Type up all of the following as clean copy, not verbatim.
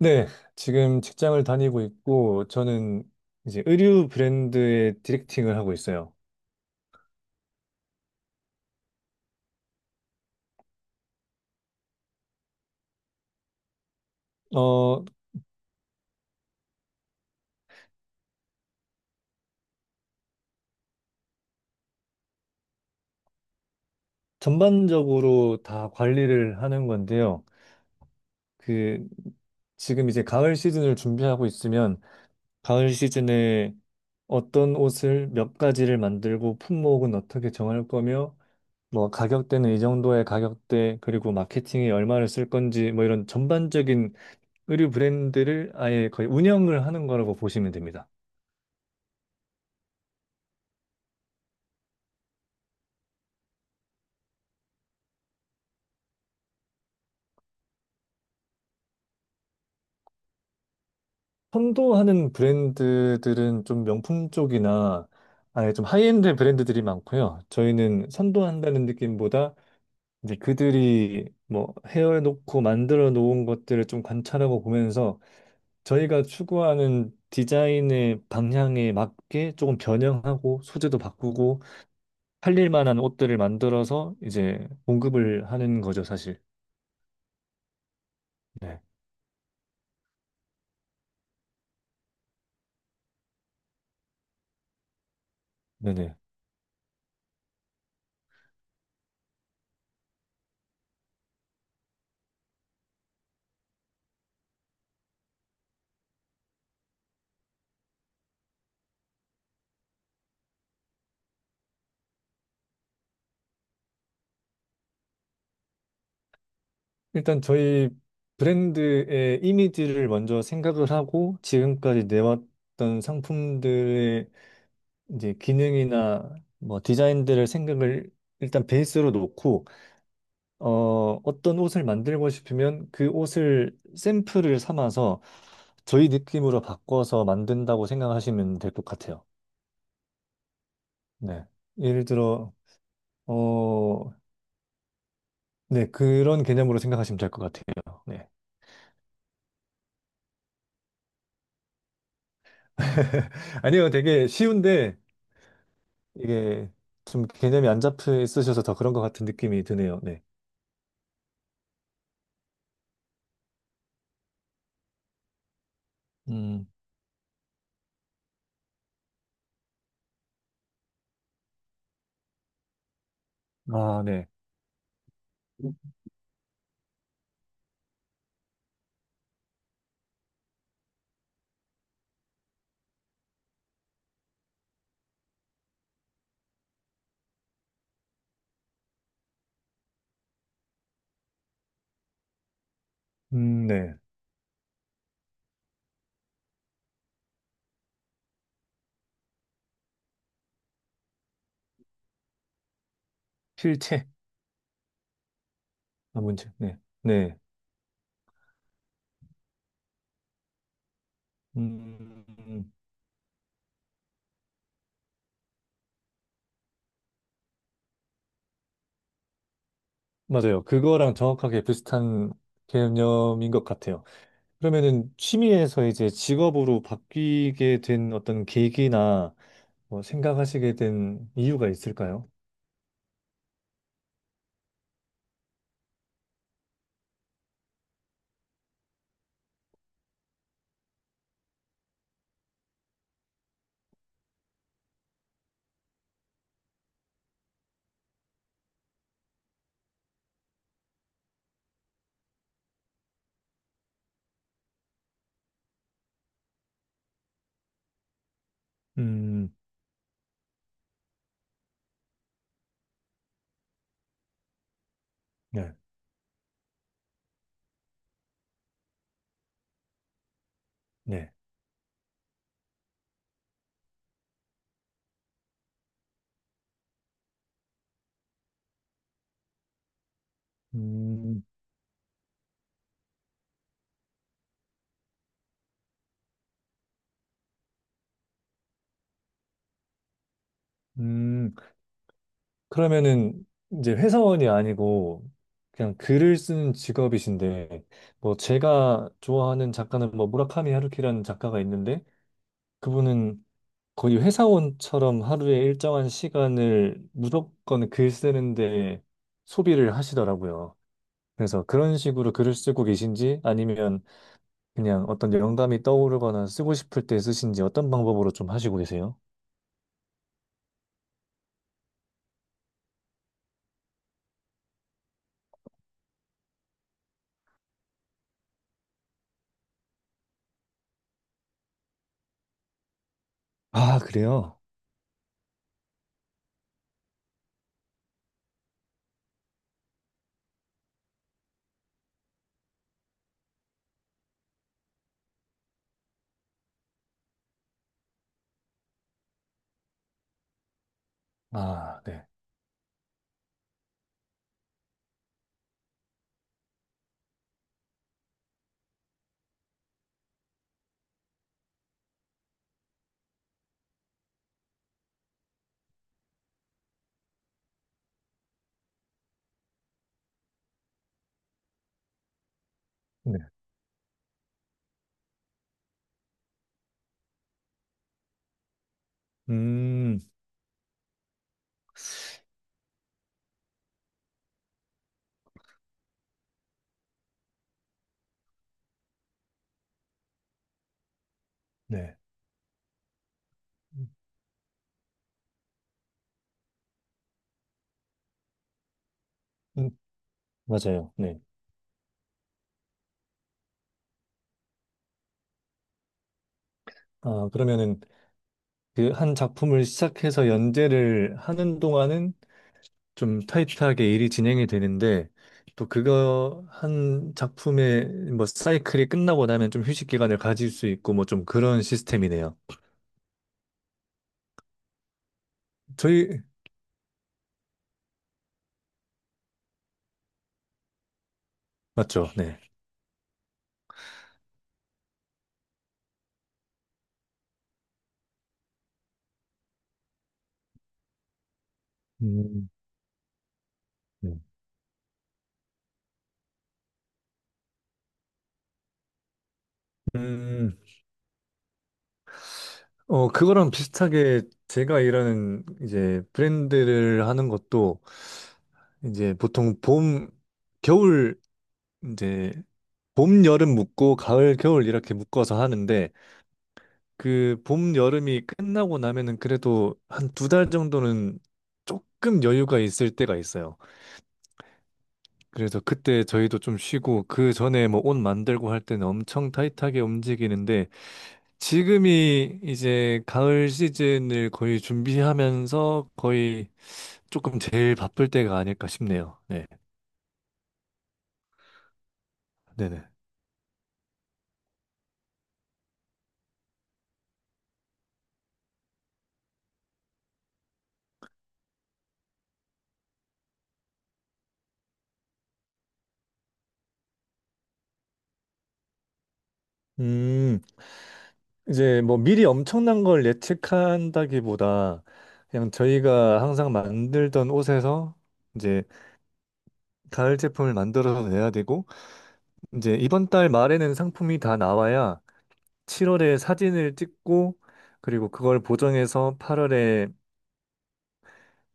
네, 지금 직장을 다니고 있고, 저는 이제 의류 브랜드의 디렉팅을 하고 있어요. 어, 전반적으로 다 관리를 하는 건데요. 그, 지금 이제 가을 시즌을 준비하고 있으면, 가을 시즌에 어떤 옷을 몇 가지를 만들고, 품목은 어떻게 정할 거며, 뭐, 가격대는 이 정도의 가격대, 그리고 마케팅에 얼마를 쓸 건지, 뭐 이런 전반적인 의류 브랜드를 아예 거의 운영을 하는 거라고 보시면 됩니다. 선도하는 브랜드들은 좀 명품 쪽이나 아예 좀 하이엔드 브랜드들이 많고요. 저희는 선도한다는 느낌보다 이제 그들이 뭐 헤어놓고 만들어 놓은 것들을 좀 관찰하고 보면서 저희가 추구하는 디자인의 방향에 맞게 조금 변형하고 소재도 바꾸고 팔릴 만한 옷들을 만들어서 이제 공급을 하는 거죠, 사실. 네. 네네. 일단 저희 브랜드의 이미지를 먼저 생각을 하고 지금까지 내왔던 상품들의 이제 기능이나 뭐 디자인들을 생각을 일단 베이스로 놓고 어떤 옷을 만들고 싶으면 그 옷을 샘플을 삼아서 저희 느낌으로 바꿔서 만든다고 생각하시면 될 것 같아요. 네. 예를 들어 어 네, 그런 개념으로 생각하시면 될 것 같아요. 네. 아니요, 되게 쉬운데 이게 좀 개념이 안 잡혀 있으셔서 더 그런 것 같은 느낌이 드네요. 네. 음, 아, 네. 네. 필체. 아, 문제. 네. 네. 음, 음. 맞아요. 그거랑 정확하게 비슷한 개념인 것 같아요. 그러면은 취미에서 이제 직업으로 바뀌게 된 어떤 계기나 뭐 생각하시게 된 이유가 있을까요? 음, 네. 네. 음, 음. 그러면은 이제 회사원이 아니고 그냥 글을 쓰는 직업이신데 뭐 제가 좋아하는 작가는 뭐 무라카미 하루키라는 작가가 있는데 그분은 거의 회사원처럼 하루에 일정한 시간을 무조건 글 쓰는데 소비를 하시더라고요. 그래서 그런 식으로 글을 쓰고 계신지 아니면 그냥 어떤 영감이 떠오르거나 쓰고 싶을 때 쓰신지 어떤 방법으로 좀 하시고 계세요? 아, 그래요? 아, 네. 네. 음, 네. 맞아요. 네. 아, 그러면은 그 한 작품을 시작해서 연재를 하는 동안은 좀 타이트하게 일이 진행이 되는데 또 그거 한 작품의 뭐 사이클이 끝나고 나면 좀 휴식 기간을 가질 수 있고 뭐 좀 그런 시스템이네요. 저희 맞죠? 네. 음, 네. 음, 그거랑 비슷하게 제가 일하는 이제 브랜드를 하는 것도 이제 보통 봄, 겨울 이제 봄, 여름 묶고 가을, 겨울 이렇게 묶어서 하는데 그 봄, 여름이 끝나고 나면은 그래도 한 두 달 정도는 조금 여유가 있을 때가 있어요. 그래서 그때 저희도 좀 쉬고 그 전에 뭐 옷 만들고 할 때는 엄청 타이트하게 움직이는데 지금이 이제 가을 시즌을 거의 준비하면서 거의 조금 제일 바쁠 때가 아닐까 싶네요. 네. 네네. 음. 이제 뭐 미리 엄청난 걸 예측한다기보다 그냥 저희가 항상 만들던 옷에서 이제 가을 제품을 만들어서 내야 되고 이제 이번 달 말에는 상품이 다 나와야 7월에 사진을 찍고 그리고 그걸 보정해서 8월에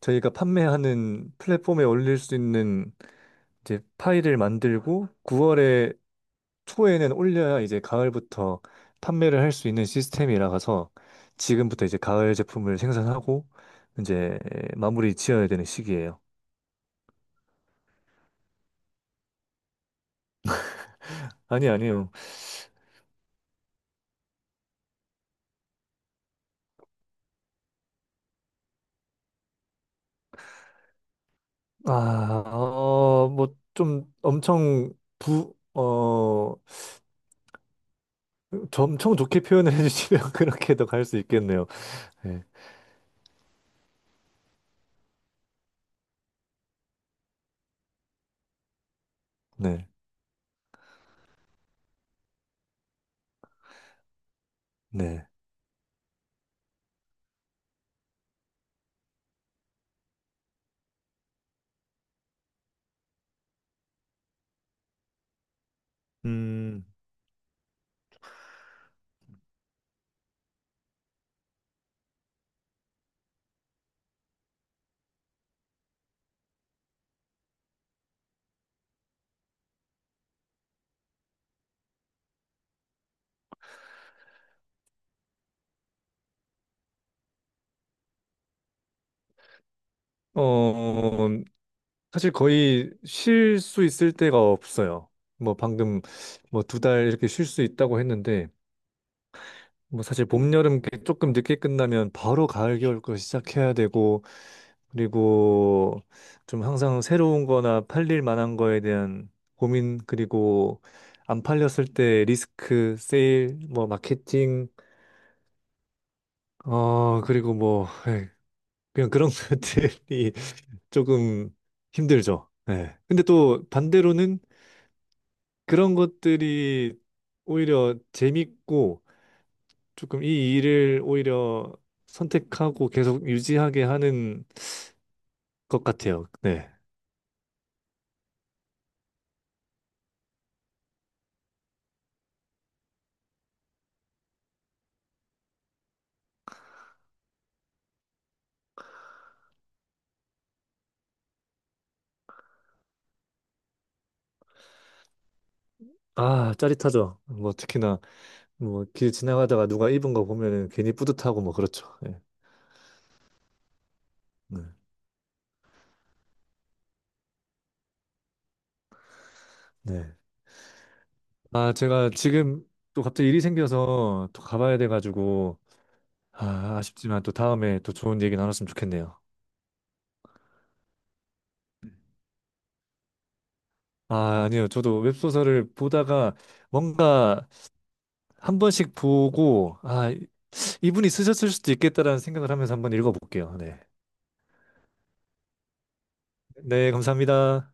저희가 판매하는 플랫폼에 올릴 수 있는 이제 파일을 만들고 9월에 초에는 올려야 이제 가을부터 판매를 할 수 있는 시스템이라서 지금부터 이제 가을 제품을 생산하고 이제 마무리 지어야 되는 시기예요. 아니 아니요. 아, 뭐 좀 저 엄청 좋게 표현을 해주시면 그렇게도 갈 수 있겠네요. 네, 네, 네. 음, 어, 사실 거의 쉴 수 있을 때가 없어요. 뭐 방금 뭐 두 달 이렇게 쉴 수 있다고 했는데 뭐 사실 봄, 여름 이렇게 조금 늦게 끝나면 바로 가을, 겨울 거 시작해야 되고 그리고 좀 항상 새로운 거나 팔릴 만한 거에 대한 고민 그리고 안 팔렸을 때 리스크, 세일, 뭐 마케팅 그리고 뭐 예, 그냥 그런 것들이 조금 힘들죠. 예. 근데 또 반대로는 그런 것들이 오히려 재밌고 조금 이 일을 오히려 선택하고 계속 유지하게 하는 것 같아요. 네. 아, 짜릿하죠. 뭐 특히나 뭐 길 지나가다가 누가 입은 거 보면은 괜히 뿌듯하고 뭐 그렇죠. 네. 네. 네. 아, 제가 지금 또 갑자기 일이 생겨서 또 가봐야 돼가지고 아, 아쉽지만 또 다음에 또 좋은 얘기 나눴으면 좋겠네요. 아, 아니요. 저도 웹소설을 보다가 뭔가 한 번씩 보고, 아, 이분이 쓰셨을 수도 있겠다라는 생각을 하면서 한번 읽어볼게요. 네. 네, 감사합니다.